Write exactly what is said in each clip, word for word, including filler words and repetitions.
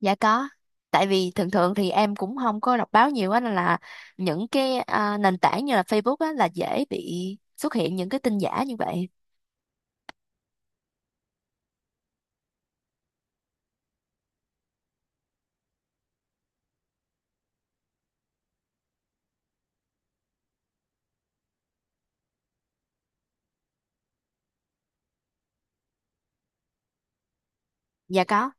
Dạ có. Tại vì thường thường thì em cũng không có đọc báo nhiều á, nên là những cái à, nền tảng như là Facebook á là dễ bị xuất hiện những cái tin giả như vậy. Dạ có.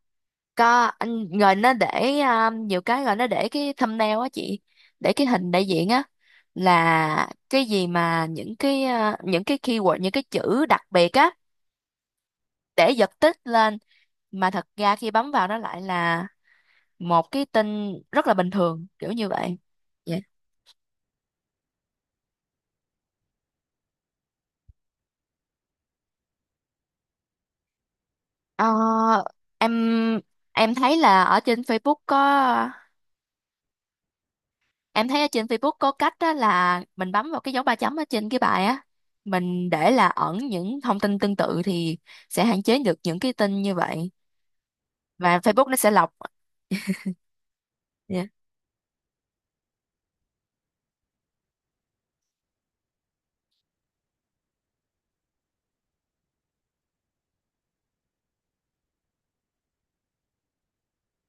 Có anh, rồi nó để à, nhiều cái rồi nó để cái thumbnail á chị, để cái hình đại diện á, là cái gì mà những cái à, những cái keyword, những cái chữ đặc biệt á để giật tít lên, mà thật ra khi bấm vào nó lại là một cái tin rất là bình thường kiểu như vậy. Dạ. Ờ, em em thấy là ở trên Facebook có, em thấy ở trên Facebook có cách đó là mình bấm vào cái dấu ba chấm ở trên cái bài á, mình để là ẩn những thông tin tương tự thì sẽ hạn chế được những cái tin như vậy, và Facebook nó sẽ lọc. Dạ.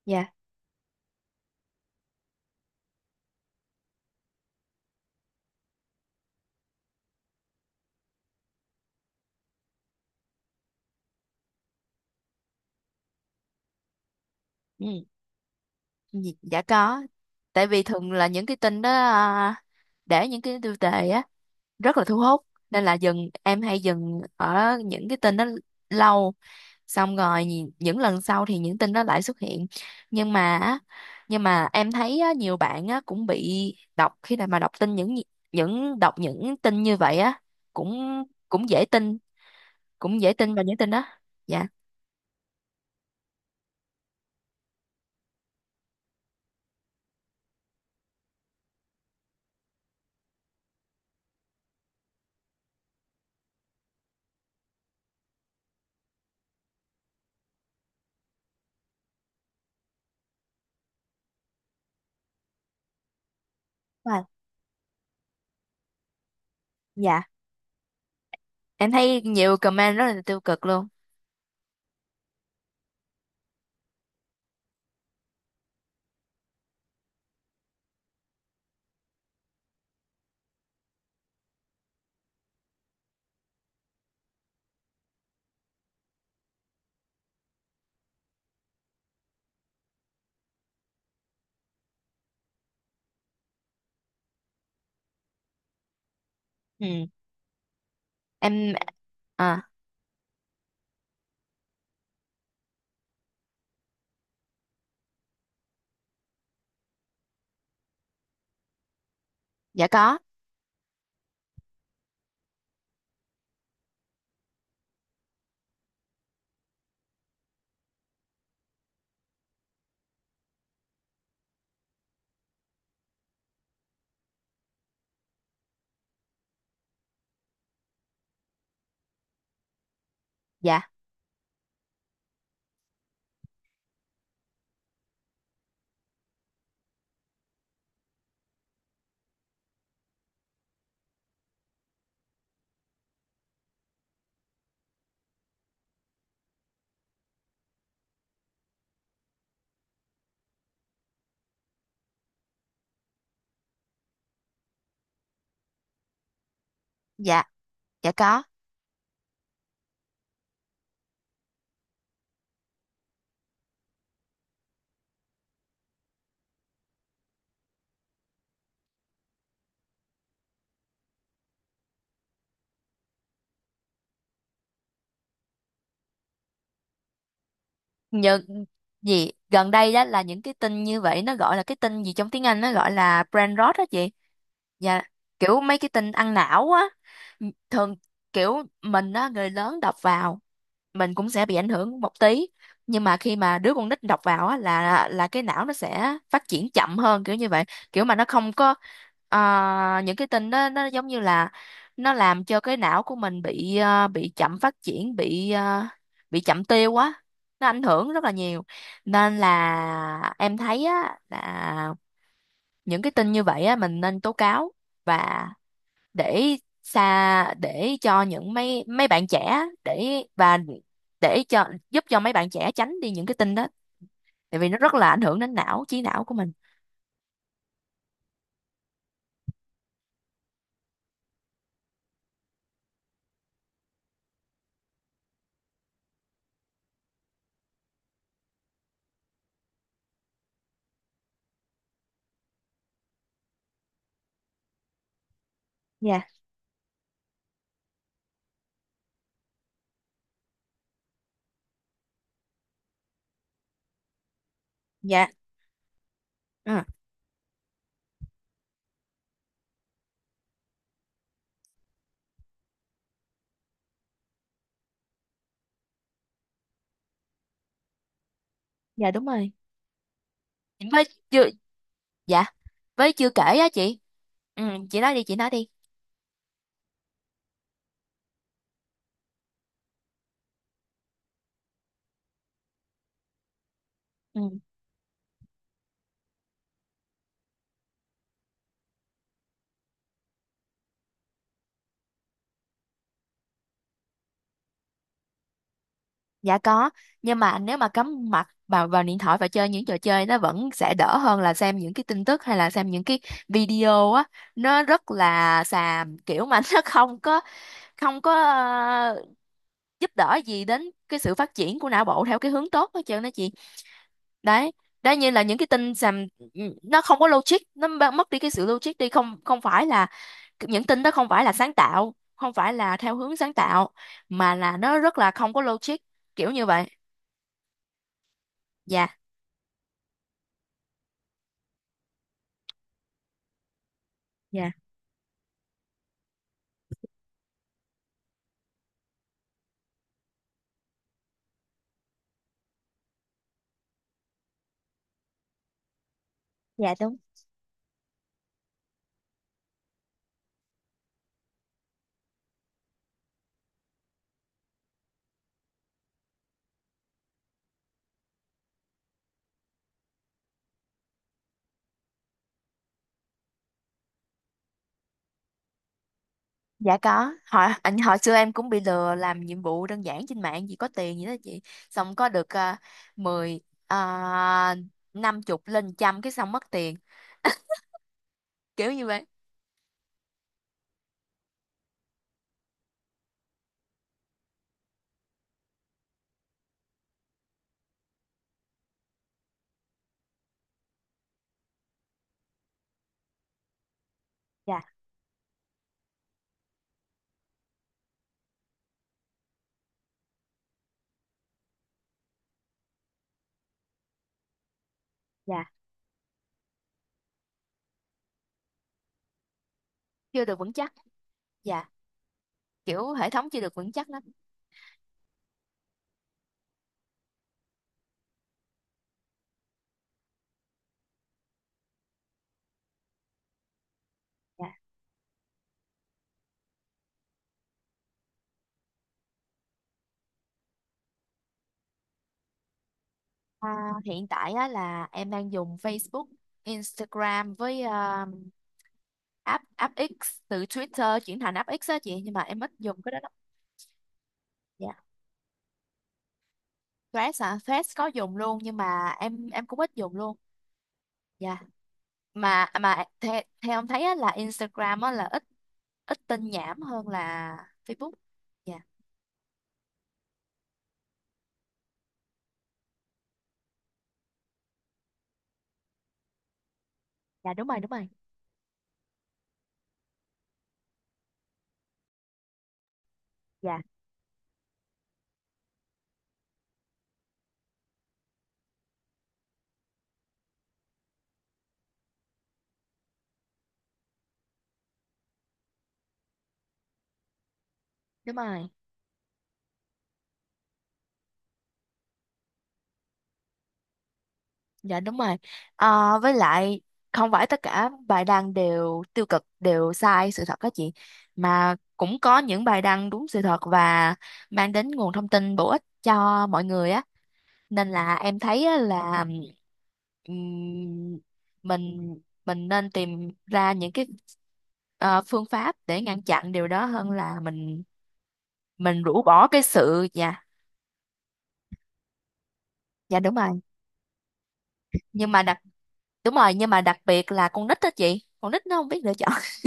Dạ ừ. dạ dạ có, tại vì thường là những cái tin đó à, để những cái tiêu đề á rất là thu hút, nên là dừng em hay dừng ở những cái tin đó lâu, xong rồi nhì- những lần sau thì những tin đó lại xuất hiện. nhưng mà á- nhưng mà em thấy á, nhiều bạn á, cũng bị đọc khi mà đọc tin những những đọc những tin như vậy á, cũng cũng dễ tin, cũng dễ tin vào những tin đó. Dạ. Wow. Dạ. Em thấy nhiều comment rất là tiêu cực luôn. Ừ. Em. À. Dạ có. Dạ dạ dạ có. Nhờ gì gần đây đó, là những cái tin như vậy nó gọi là cái tin gì, trong tiếng Anh nó gọi là brain rot đó chị. Dạ, kiểu mấy cái tin ăn não á. Thường kiểu mình á, người lớn đọc vào mình cũng sẽ bị ảnh hưởng một tí, nhưng mà khi mà đứa con nít đọc vào á là là cái não nó sẽ phát triển chậm hơn kiểu như vậy. Kiểu mà nó không có ờ, những cái tin đó nó giống như là nó làm cho cái não của mình bị ờ, bị chậm phát triển, bị ờ, bị chậm tiêu á, nó ảnh hưởng rất là nhiều. Nên là em thấy á là những cái tin như vậy á mình nên tố cáo, và để xa, để cho những mấy mấy bạn trẻ, để và để cho giúp cho mấy bạn trẻ tránh đi những cái tin đó, tại vì nó rất là ảnh hưởng đến não trí não của mình. Dạ. Dạ. Ừ. Dạ đúng rồi. Với chưa. Dạ, với chưa kể á chị. Ừ, chị nói đi, chị nói đi. Ừ. Dạ có, nhưng mà nếu mà cắm mặt vào vào điện thoại và chơi những trò chơi nó vẫn sẽ đỡ hơn là xem những cái tin tức, hay là xem những cái video á, nó rất là xàm kiểu mà nó không có, không có ờ, giúp đỡ gì đến cái sự phát triển của não bộ theo cái hướng tốt hết trơn đó chị. Đấy, đó như là những cái tin xàm, ừ, nó không có logic, nó b- mất đi cái sự logic đi. Không không phải là những tin đó không phải là sáng tạo, không phải là theo hướng sáng tạo, mà là nó rất là không có logic kiểu như vậy. Dạ. Dạ đúng. Dạ có. Hồi ảnh hồi xưa em cũng bị lừa làm nhiệm vụ đơn giản trên mạng gì có tiền gì đó chị. Xong có được uh, mười à, năm chục lên trăm cái xong mất tiền. Kiểu như vậy. Dạ, dạ. Chưa được vững chắc. Dạ. Kiểu hệ thống chưa được vững chắc lắm. Dạ. À, hiện tại á, là em đang dùng Facebook, Instagram với à, app app X, từ Twitter chuyển thành app X á chị, nhưng mà em ít dùng cái đó lắm. Dạ. Threads hả? Threads có dùng luôn nhưng mà em em cũng ít dùng luôn. Dạ. Mà mà theo, theo ông thấy á, là Instagram á, là ít ít tin nhảm hơn là Facebook. Dạ. Dạ đúng rồi, đúng rồi. Dạ, đúng rồi. Dạ đúng rồi. Ờ, với lại không phải tất cả bài đăng đều tiêu cực, đều sai sự thật các chị, mà cũng có những bài đăng đúng sự thật và mang đến nguồn thông tin bổ ích cho mọi người á. Nên là em thấy á là, ừm, mình mình nên tìm ra những cái, ờ, phương pháp để ngăn chặn điều đó hơn là mình mình rũ bỏ cái sự. Dạ. Dạ đúng rồi, nhưng mà đặc đúng rồi, nhưng mà đặc biệt là con nít đó chị, con nít nó không biết lựa chọn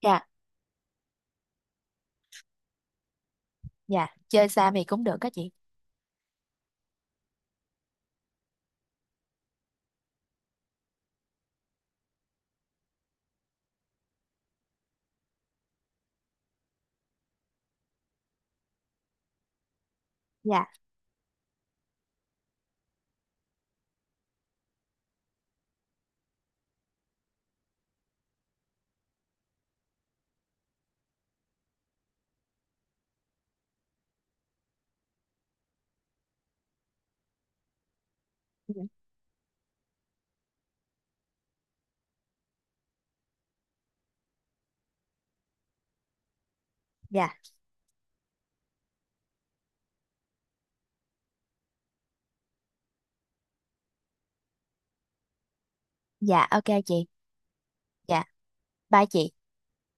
dạ. Dạ chơi xa thì cũng được đó chị. Dạ dạ dạ dạ, ok chị. Dạ, bye chị.